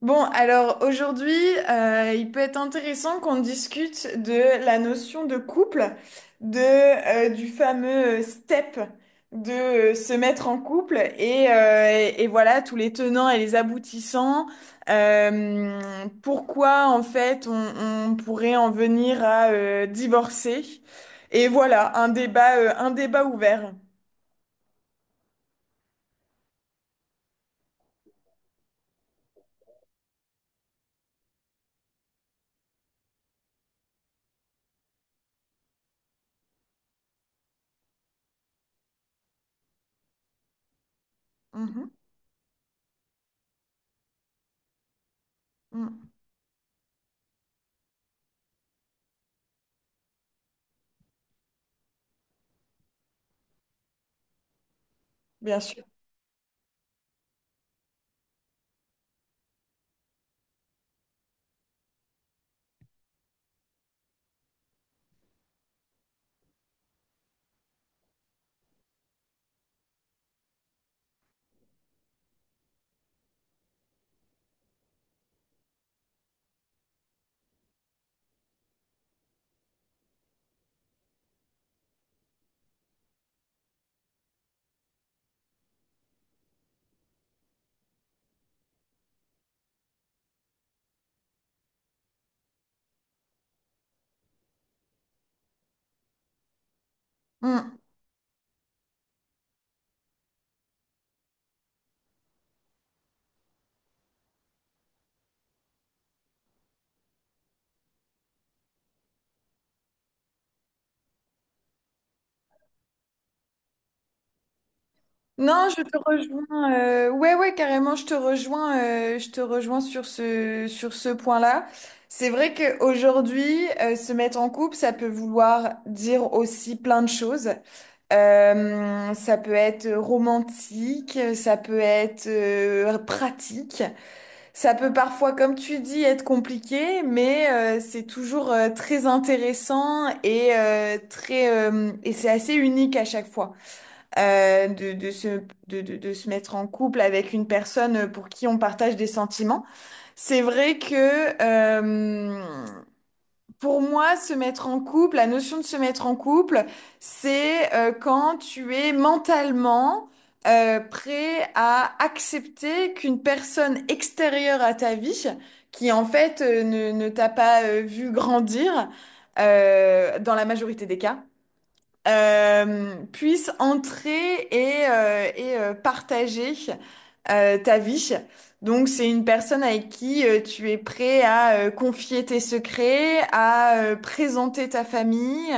Bon, alors aujourd'hui, il peut être intéressant qu'on discute de la notion de couple, du fameux step, de se mettre en couple et voilà tous les tenants et les aboutissants. Euh, Pourquoi en fait on pourrait en venir à divorcer. Et voilà, un débat ouvert. Mhm. Mhm, bien sûr. Mm. Non, je te rejoins. Ouais, ouais, carrément, je te rejoins. Je te rejoins sur ce point-là. C'est vrai qu'aujourd'hui, se mettre en couple, ça peut vouloir dire aussi plein de choses. Ça peut être romantique, ça peut être pratique, ça peut parfois, comme tu dis, être compliqué, mais c'est toujours très intéressant et très et c'est assez unique à chaque fois euh, de, de se, de se mettre en couple avec une personne pour qui on partage des sentiments. C'est vrai que pour moi, se mettre en couple, la notion de se mettre en couple, c'est quand tu es mentalement prêt à accepter qu'une personne extérieure à ta vie, qui en fait ne t'a pas vu grandir, dans la majorité des cas, puisse entrer et partager ta vie. Donc, c'est une personne avec qui tu es prêt à confier tes secrets, à présenter ta famille,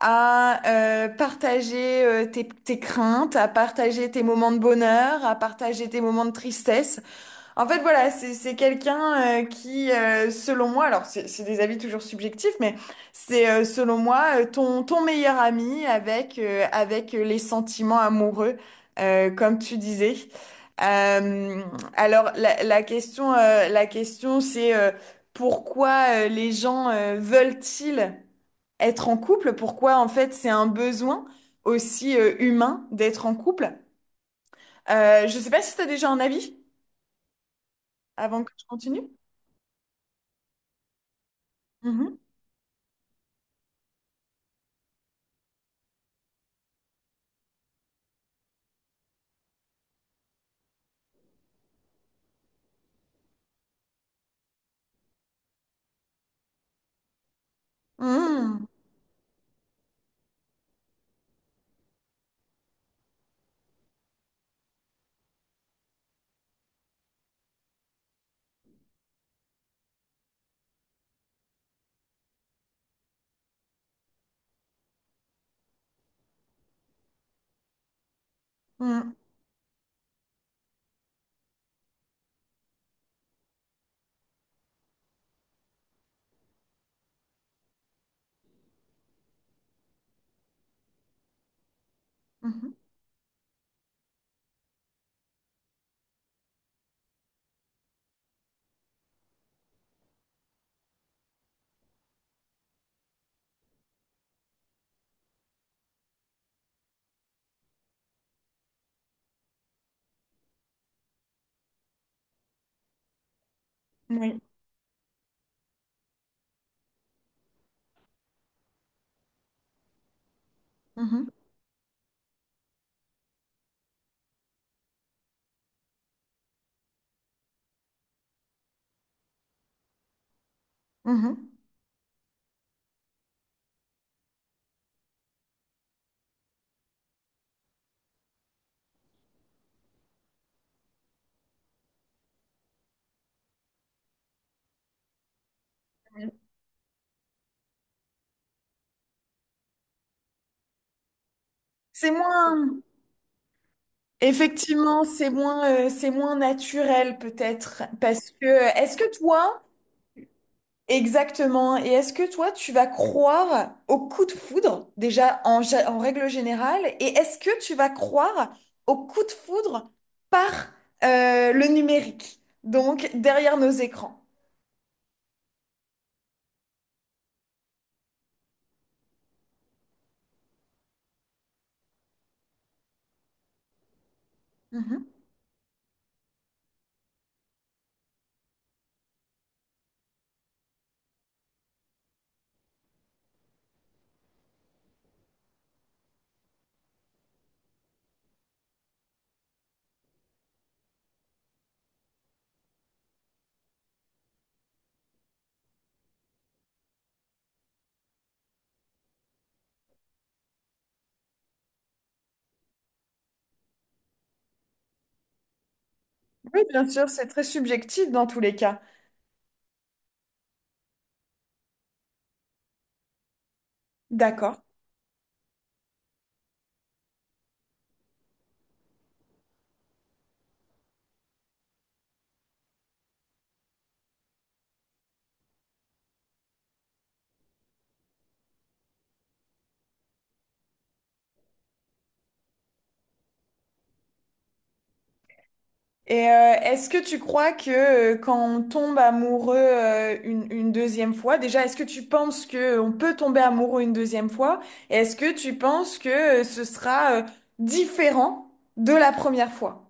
à partager tes craintes, à partager tes moments de bonheur, à partager tes moments de tristesse. En fait, voilà, c'est quelqu'un qui, selon moi, alors c'est des avis toujours subjectifs, mais c'est selon moi ton meilleur ami avec avec les sentiments amoureux, comme tu disais. Euh, alors la question c'est pourquoi les gens veulent-ils être en couple? Pourquoi en fait c'est un besoin aussi humain d'être en couple? Je sais pas si tu as déjà un avis avant que je continue. Mhm. Mhm, mhm, mhm, oui, mhm, mhm. C'est moins, effectivement, c'est moins naturel peut-être, parce que est-ce que toi, exactement, et est-ce que toi, tu vas croire au coup de foudre, déjà en, gé- en règle générale, et est-ce que tu vas croire au coup de foudre par le numérique, donc derrière nos écrans? Mhm. Oui, bien sûr, c'est très subjectif dans tous les cas. D'accord. Et est-ce que tu crois que quand on tombe amoureux une deuxième fois, déjà, est-ce que tu penses que on peut tomber amoureux une deuxième fois? Et est-ce que tu penses que ce sera différent de la première fois?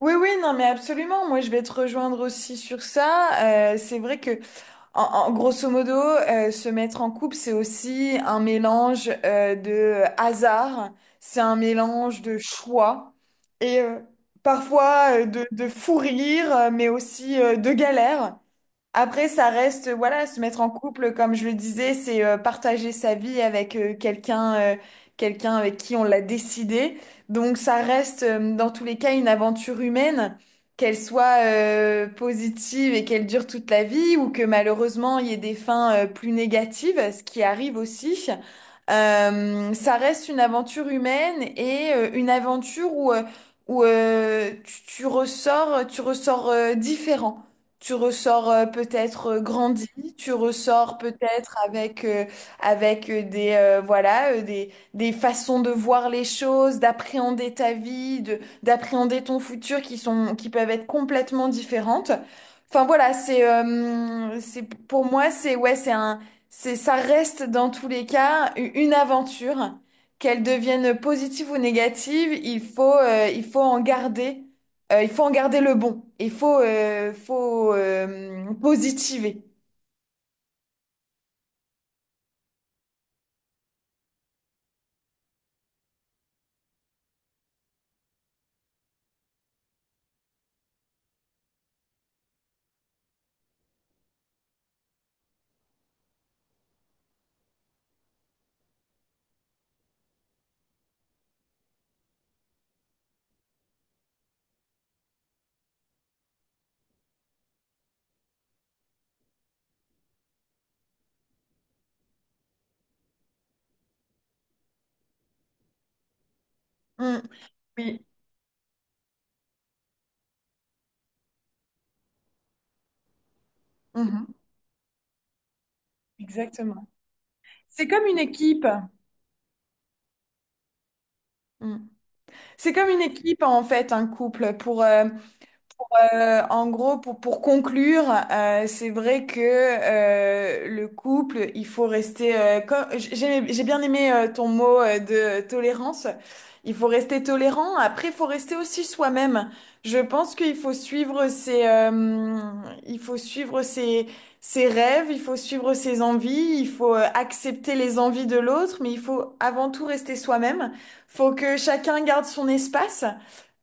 Oui, oui, non, mais absolument. Moi, je vais te rejoindre aussi sur ça. C'est vrai que, en, en- grosso modo, se mettre en couple, c'est aussi un mélange de hasard, c'est un mélange de choix et parfois de fou rire, mais aussi de galère. Après, ça reste, voilà, se mettre en couple, comme je le disais, c'est partager sa vie avec quelqu'un, quelqu'un avec qui on l'a décidé. Donc, ça reste, dans tous les cas, une aventure humaine, qu'elle soit positive et qu'elle dure toute la vie, ou que malheureusement, il y ait des fins plus négatives, ce qui arrive aussi. Ça reste une aventure humaine et une aventure où, tu, tu ressors différent. Tu ressors peut-être grandi, tu ressors peut-être avec, avec voilà, des façons de voir les choses, d'appréhender ta vie, d'appréhender ton futur qui sont, qui peuvent être complètement différentes. Enfin voilà, c'est, pour moi, c'est, ouais, c'est un, c'est, ça reste dans tous les cas u- une aventure. Qu'elle devienne positive ou négative, il faut en garder il faut en garder le bon. Il faut, positiver. Mm. Oui. Mhm. Exactement. C'est comme une équipe. Mm. C'est comme une équipe en fait, un couple. Pour, euh, en gros, pour conclure, c'est vrai que le couple, il faut rester... comme, j'ai bien aimé ton mot de tolérance. Il faut rester tolérant. Après, il faut rester aussi soi-même. Je pense qu'il faut suivre ses, il faut suivre ses, ses rêves, il faut suivre ses envies, il faut accepter les envies de l'autre, mais il faut avant tout rester soi-même. Faut que chacun garde son espace.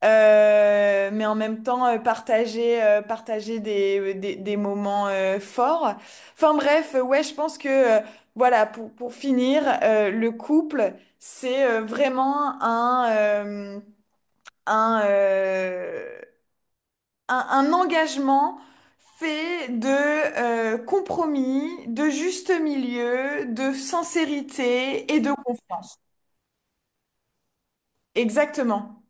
Mais en même temps partager partager des, des moments forts. Enfin bref, ouais, je pense que voilà, pour finir, le couple, c'est vraiment un, euh, un engagement fait de compromis, de juste milieu, de sincérité et de confiance. Exactement.